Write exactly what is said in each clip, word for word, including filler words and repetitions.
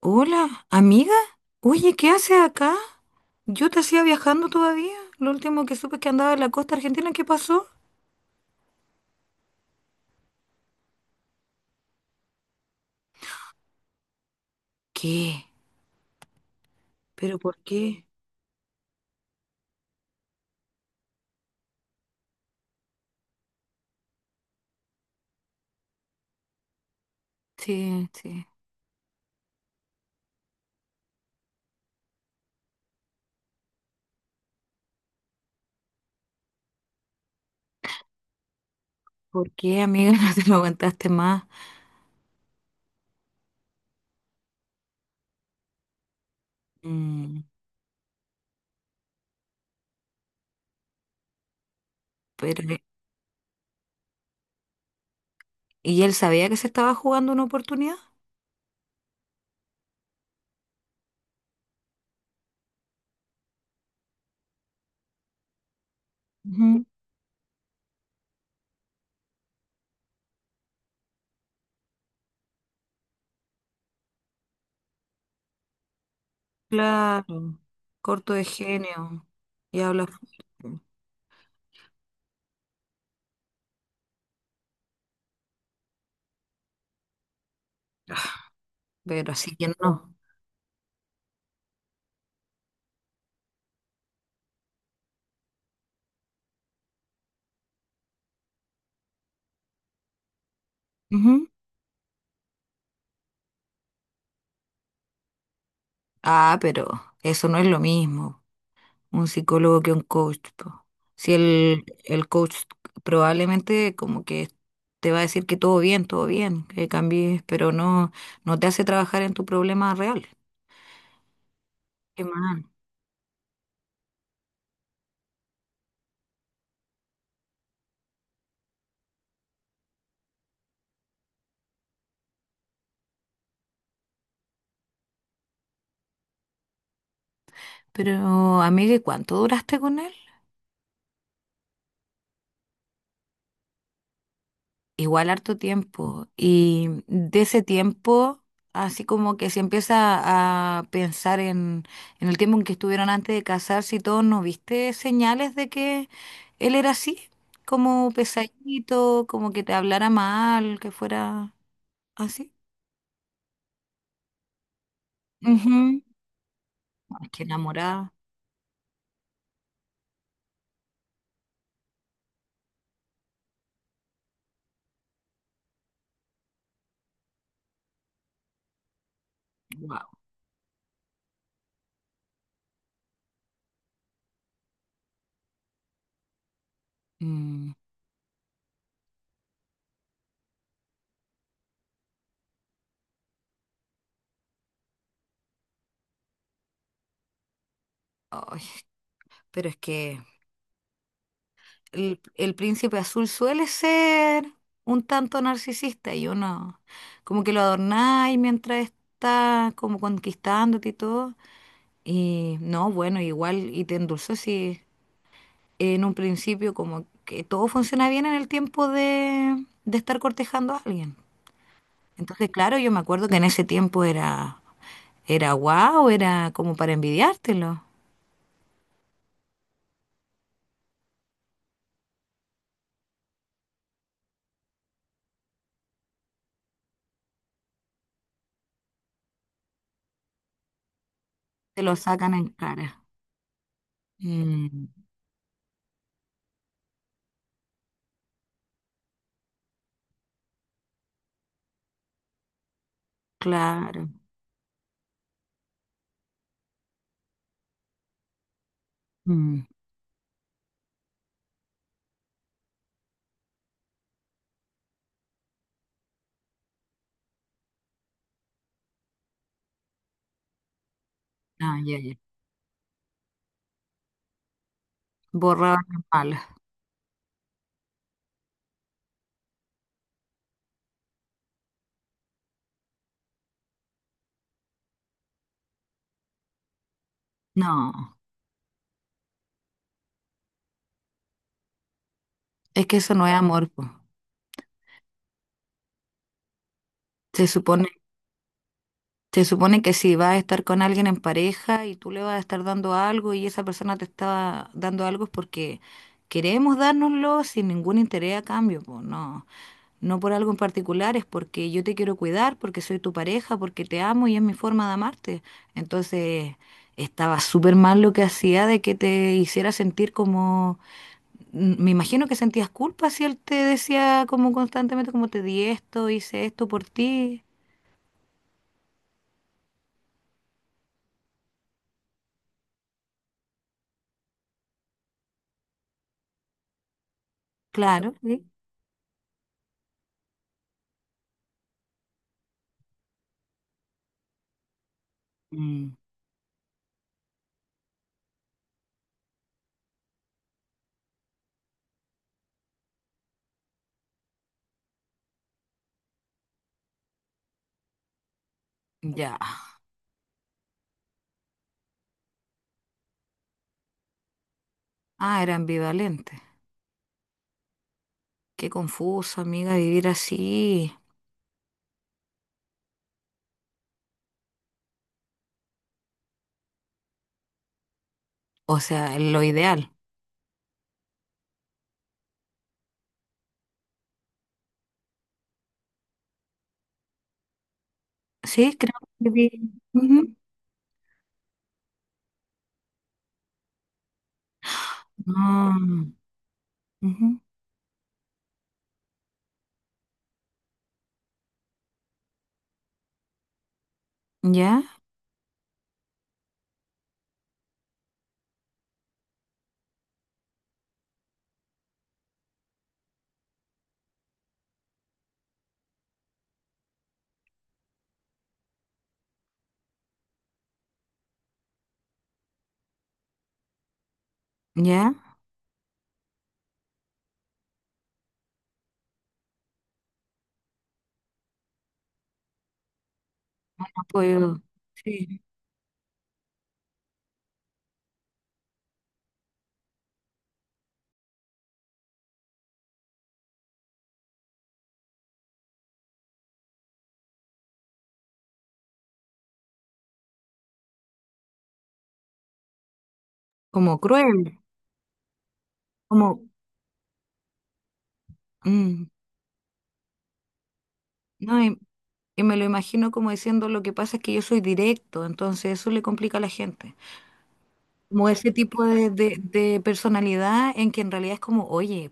Hola, amiga. Oye, ¿qué haces acá? Yo te hacía viajando todavía. Lo último que supe es que andaba en la costa argentina. ¿Qué pasó? ¿Qué? ¿Pero por qué? Sí, sí. ¿Por qué, amiga? No te lo aguantaste más. Mm, pero, ¿y él sabía que se estaba jugando una oportunidad? Ujú. Claro. Corto de genio. Y habla fuerte. Pero así que no. Ujú. Ah, pero eso no es lo mismo un psicólogo que un coach, po. Si el, el coach probablemente como que te va a decir que todo bien, todo bien, que cambies, pero no, no te hace trabajar en tu problema real. Qué mal. Pero, amiga, ¿y cuánto duraste con él? Igual harto tiempo. Y de ese tiempo, así como que se empieza a pensar en, en, el tiempo en que estuvieron antes de casarse y todo, ¿no viste señales de que él era así? Como pesadito, como que te hablara mal, que fuera así. Ujú. Ay, que enamorada. Wow. Pero es que el, el príncipe azul suele ser un tanto narcisista y uno como que lo adornáis mientras está como conquistándote y todo. Y no, bueno, igual y te endulzó si en un principio como que todo funciona bien en el tiempo de, de estar cortejando a alguien. Entonces, claro, yo me acuerdo que en ese tiempo era, era guau, era como para envidiártelo. Te lo sacan en cara. Mm, claro. Mm, ah, ya, ya. Borrado en. No, es que eso no es amor, po. Se supone, se supone que si vas a estar con alguien en pareja y tú le vas a estar dando algo y esa persona te está dando algo es porque queremos dárnoslo sin ningún interés a cambio, po. No, no por algo en particular, es porque yo te quiero cuidar, porque soy tu pareja, porque te amo y es mi forma de amarte. Entonces, estaba súper mal lo que hacía de que te hiciera sentir como me imagino que sentías culpa si él te decía como constantemente, como te di esto, hice esto por ti. Claro, sí. Mm, ya. Ah, era ambivalente. Qué confuso, amiga, vivir así. O sea, lo ideal. Sí, creo que vi- Ujú. No. Ujú. Ya, ya. Apoyo. Sí. Como cruel. Como. Mm, no, y, y, me lo imagino como diciendo lo que pasa es que yo soy directo, entonces eso le complica a la gente. Como ese tipo de, de- de personalidad en que en realidad es como, oye,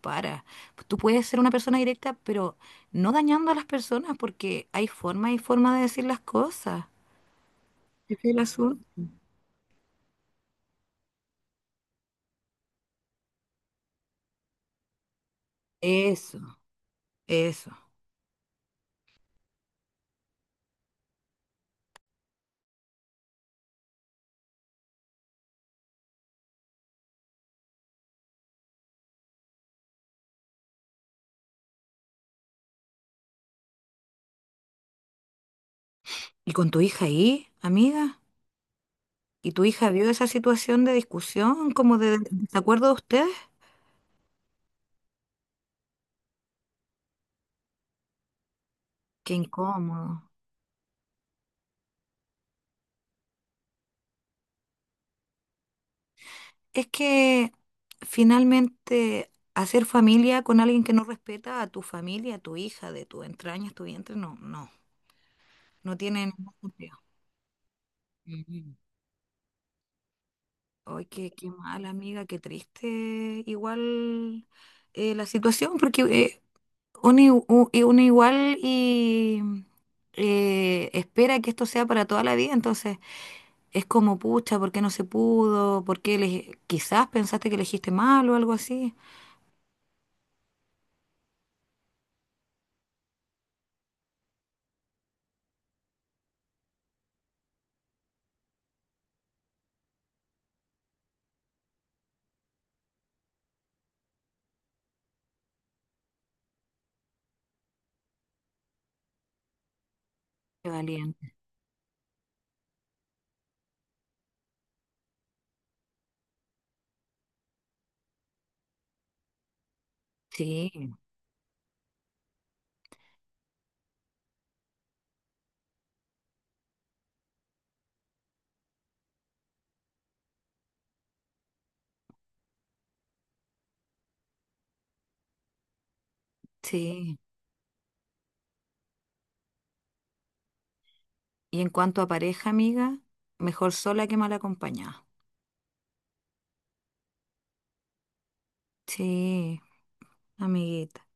para, tú puedes ser una persona directa, pero no dañando a las personas porque hay forma y forma de decir las cosas. Ese es el asunto. Eso, eso. ¿Y con tu hija ahí, amiga? ¿Y tu hija vio esa situación de discusión, como de desacuerdo de ustedes? Qué incómodo. Es que finalmente hacer familia con alguien que no respeta a tu familia, a tu hija, de tu entraña, tu vientre, no, no. No tienen ningún sentido. Mm. Ay, qué, qué mal, amiga, qué triste. Igual, eh, la situación, porque eh, uno, i- u- y uno igual y eh, espera que esto sea para toda la vida, entonces es como, pucha, ¿por qué no se pudo? ¿Por qué eleg- quizás pensaste que elegiste mal o algo así? Qué valiente. Sí, sí. Y en cuanto a pareja, amiga, mejor sola que mal acompañada. Sí, amiguita.